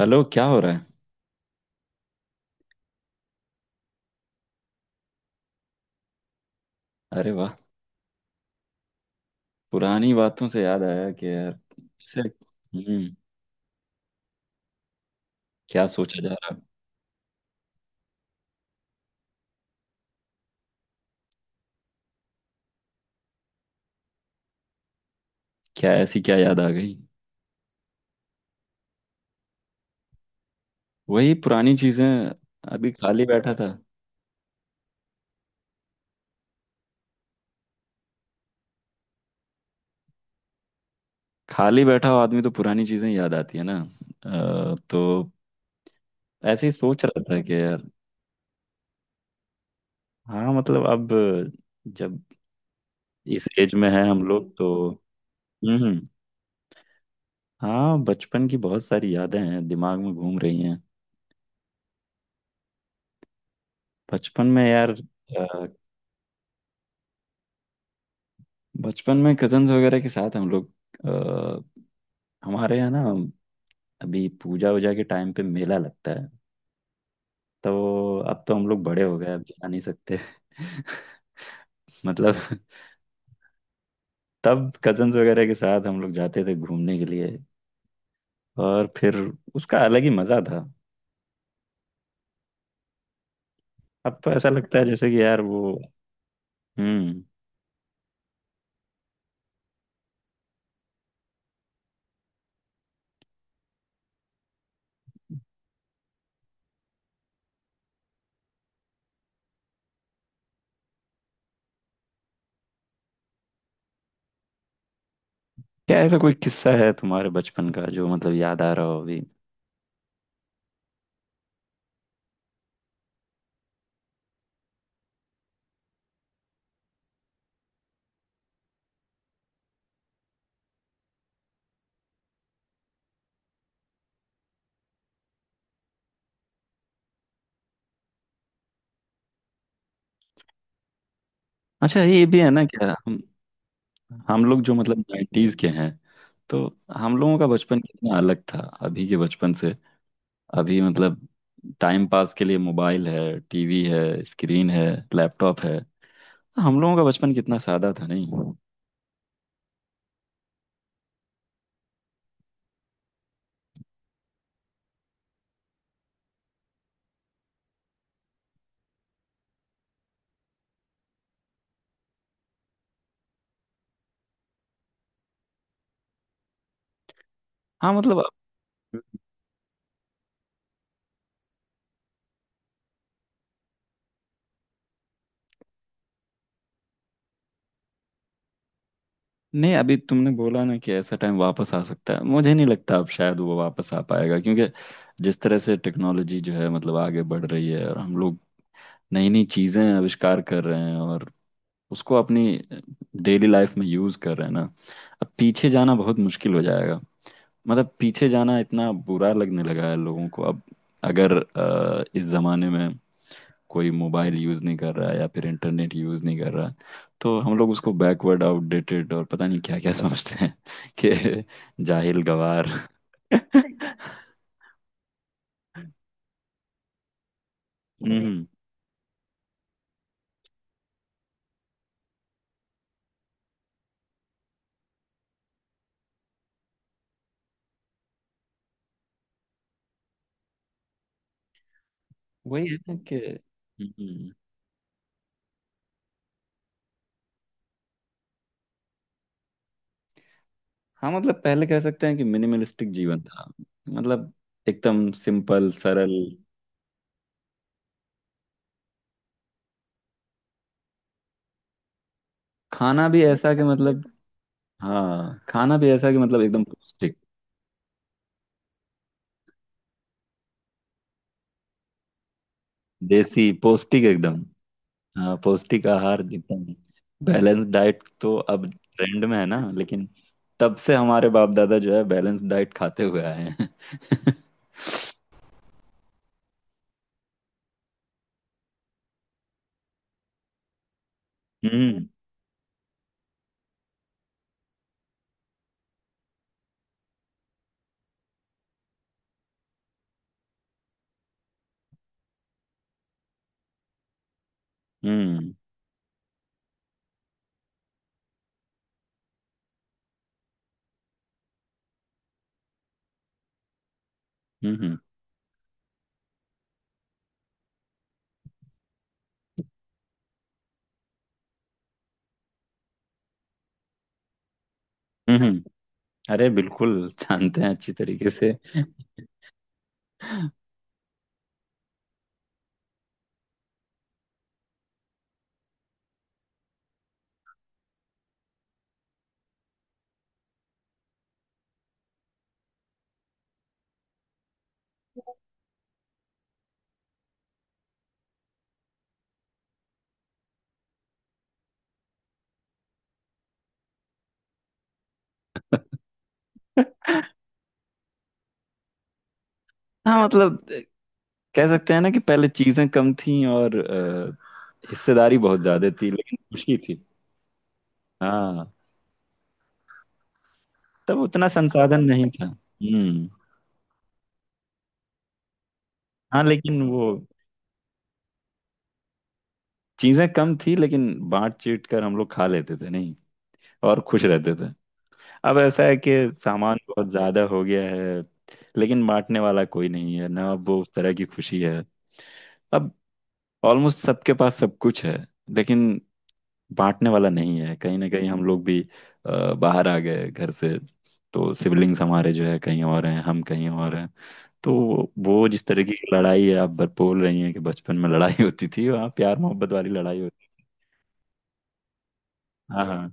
Hello, क्या हो रहा है। अरे वाह। पुरानी बातों से याद आया कि यार। कैसे। हम्म। क्या सोचा जा रहा। क्या ऐसी क्या याद आ गई। वही पुरानी चीजें। अभी खाली बैठा था। खाली बैठा हुआ आदमी तो पुरानी चीजें याद आती है ना। तो ऐसे ही सोच रहा था कि यार। हाँ मतलब अब। जब इस एज में है हम लोग तो। हम्म, हम्म। हाँ, बचपन की बहुत सारी यादें हैं, दिमाग में घूम रही हैं। बचपन में यार। बचपन में कजन्स वगैरह के साथ हम लोग। अ, हमारे यहाँ ना। अभी पूजा वूजा के टाइम पे मेला लगता है। तो अब तो हम लोग बड़े हो गए, अब जा नहीं सकते। मतलब। तब कजन्स वगैरह के साथ हम लोग जाते थे घूमने के लिए। और फिर उसका अलग ही मजा था। अब तो ऐसा लगता है जैसे कि यार वो। हम्म। क्या ऐसा कोई किस्सा है तुम्हारे बचपन का जो मतलब याद आ रहा हो अभी। अच्छा, ये भी है ना क्या हम लोग जो मतलब नाइन्टीज के हैं। तो हम लोगों का बचपन कितना अलग था। अभी के बचपन से। अभी मतलब टाइम पास के लिए मोबाइल है, टीवी है, स्क्रीन है। लैपटॉप है। हम लोगों का बचपन कितना सादा था नहीं। हाँ मतलब नहीं, अभी तुमने बोला ना कि ऐसा टाइम वापस आ सकता है, मुझे नहीं लगता अब शायद वो वापस आ पाएगा। क्योंकि जिस तरह से टेक्नोलॉजी जो है मतलब आगे बढ़ रही है और हम लोग नई नई चीज़ें आविष्कार कर रहे हैं और उसको अपनी डेली लाइफ में यूज़ कर रहे हैं ना। अब पीछे जाना बहुत मुश्किल हो जाएगा। मतलब पीछे जाना इतना बुरा लगने लगा है लोगों को अब। अगर इस ज़माने में कोई मोबाइल यूज़ नहीं कर रहा है या फिर इंटरनेट यूज़ नहीं कर रहा है, तो हम लोग उसको बैकवर्ड, आउटडेटेड और पता नहीं क्या क्या समझते हैं कि जाहिल गवार। हम्म। वही है ना कि। हम्म। हाँ मतलब पहले कह सकते हैं कि मिनिमलिस्टिक जीवन था। मतलब एकदम सिंपल सरल। खाना भी ऐसा कि मतलब। हाँ, खाना भी ऐसा कि मतलब एकदम पौष्टिक। देसी पौष्टिक एकदम। हाँ, पौष्टिक आहार एकदम। बैलेंस डाइट तो अब ट्रेंड में है ना, लेकिन तब से हमारे बाप दादा जो है बैलेंस डाइट खाते हुए आए हैं। हम्म। हम्म। हम्म। हम्म। अरे बिल्कुल। जानते हैं अच्छी तरीके से। हाँ मतलब कह सकते हैं ना कि पहले चीजें कम थी और हिस्सेदारी बहुत ज्यादा थी, लेकिन खुशी थी। हाँ, तब उतना संसाधन नहीं था। हम्म। हाँ लेकिन वो चीजें कम थी, लेकिन बांट चीट कर हम लोग खा लेते थे नहीं। और खुश रहते थे। अब ऐसा है कि सामान बहुत ज्यादा हो गया है, लेकिन बांटने वाला कोई नहीं है ना। अब वो उस तरह की खुशी है। अब ऑलमोस्ट सबके पास सब कुछ है। लेकिन बांटने वाला नहीं है। कहीं ना कहीं हम लोग भी बाहर आ गए घर से। तो सिबलिंग्स हमारे जो है कहीं और हैं, हम कहीं और हैं। तो वो जिस तरह की लड़ाई है आप बोल रही हैं कि बचपन में लड़ाई होती थी, वहाँ प्यार मोहब्बत वाली लड़ाई होती। हाँ हाँ।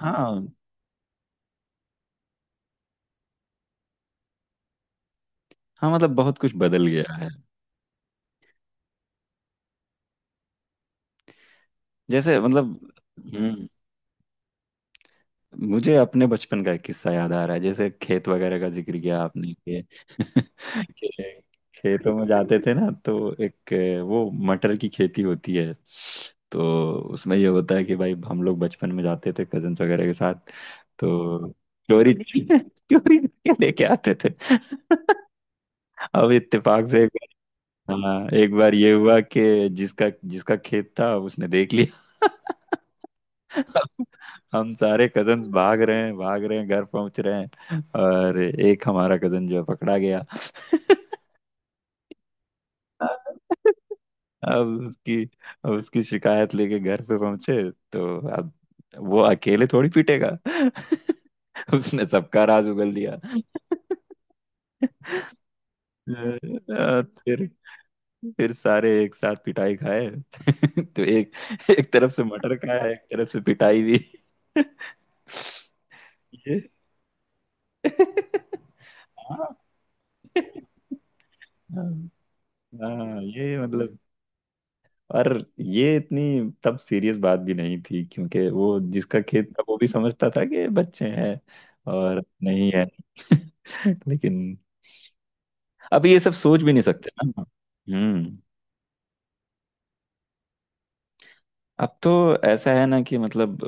हाँ हाँ मतलब बहुत कुछ बदल गया है। जैसे मतलब। हम्म। मुझे अपने बचपन का एक किस्सा याद आ रहा है जैसे खेत वगैरह का जिक्र किया आपने। के खेतों में जाते थे ना, तो एक। वो मटर की खेती होती है। तो उसमें ये होता है कि भाई हम लोग बचपन में जाते थे कजन्स वगैरह के साथ। तो चोरी चोरी करके लेके आते थे। अब इत्तेफाक से हाँ एक बार ये हुआ कि जिसका जिसका खेत था उसने देख लिया। हम सारे कजन्स भाग रहे हैं, भाग रहे हैं, घर पहुंच रहे हैं और एक हमारा कजन जो है पकड़ा गया। अब उसकी अब उसकी शिकायत लेके घर पे पहुंचे। तो अब वो अकेले थोड़ी पीटेगा। उसने सबका राज उगल दिया। अ, फिर फिर सारे एक साथ पिटाई खाए। तो एक एक तरफ से मटर खाया, एक तरफ से पिटाई भी। ये हाँ हाँ, ये मतलब। और ये इतनी तब सीरियस बात भी नहीं थी क्योंकि वो जिसका खेत था वो भी समझता था कि बच्चे हैं और नहीं है। लेकिन अब ये सब सोच भी नहीं सकते ना। हम्म। अब तो ऐसा है ना कि मतलब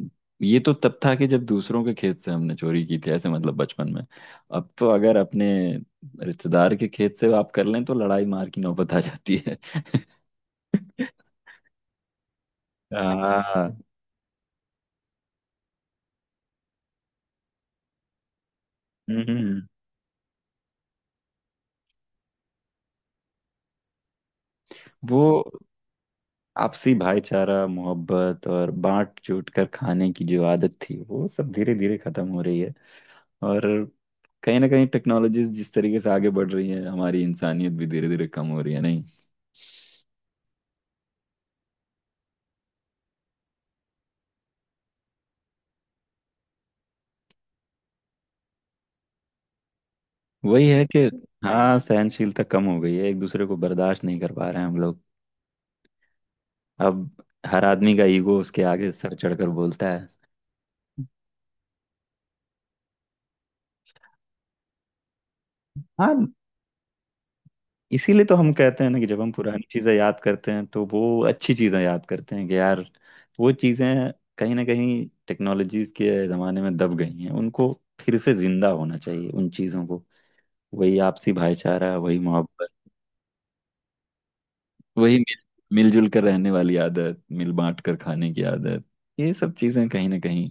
अ, ये तो तब था कि जब दूसरों के खेत से हमने चोरी की थी, ऐसे मतलब बचपन में। अब तो अगर अपने रिश्तेदार के खेत से आप कर लें तो लड़ाई मार की नौबत आ जाती है। हाँ। हम्म। वो आपसी भाईचारा, मोहब्बत और बांट चूट कर खाने की जो आदत थी, वो सब धीरे धीरे खत्म हो रही है। और कहीं ना कहीं टेक्नोलॉजीज जिस तरीके से आगे बढ़ रही है, हमारी इंसानियत भी धीरे धीरे कम हो रही है नहीं। वही है कि। हाँ, सहनशीलता कम हो गई है, एक दूसरे को बर्दाश्त नहीं कर पा रहे हैं हम लोग। अब हर आदमी का ईगो उसके आगे सर चढ़कर बोलता है। हाँ, इसीलिए तो हम कहते हैं ना कि जब हम पुरानी चीजें याद करते हैं तो वो अच्छी चीजें याद करते हैं कि यार, वो चीजें कहीं ना कहीं टेक्नोलॉजीज के जमाने में दब गई हैं। उनको फिर से जिंदा होना चाहिए, उन चीजों को। वही आपसी भाईचारा, वही मोहब्बत। वही मिल मिलजुल कर रहने वाली आदत, मिल बांट कर खाने की आदत। ये सब चीजें कहीं ना कहीं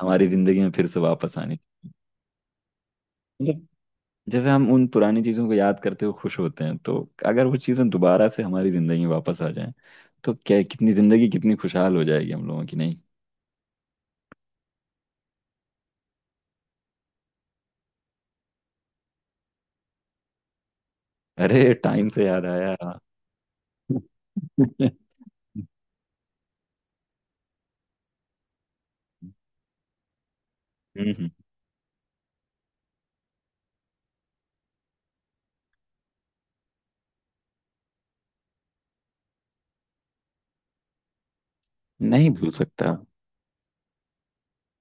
हमारी जिंदगी में फिर से वापस आनी। मतलब जैसे हम उन पुरानी चीजों को याद करते हुए खुश होते हैं, तो अगर वो चीजें दोबारा से हमारी जिंदगी में वापस आ जाएं तो क्या कितनी जिंदगी कितनी खुशहाल हो जाएगी हम लोगों की नहीं। अरे, टाइम से याद आया। हम्म, हम्म। नहीं भूल सकता।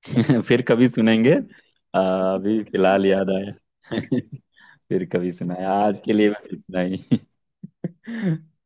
फिर कभी सुनेंगे। आ, अभी फिलहाल याद आया। फिर कभी सुनाया, आज के लिए बस इतना ही।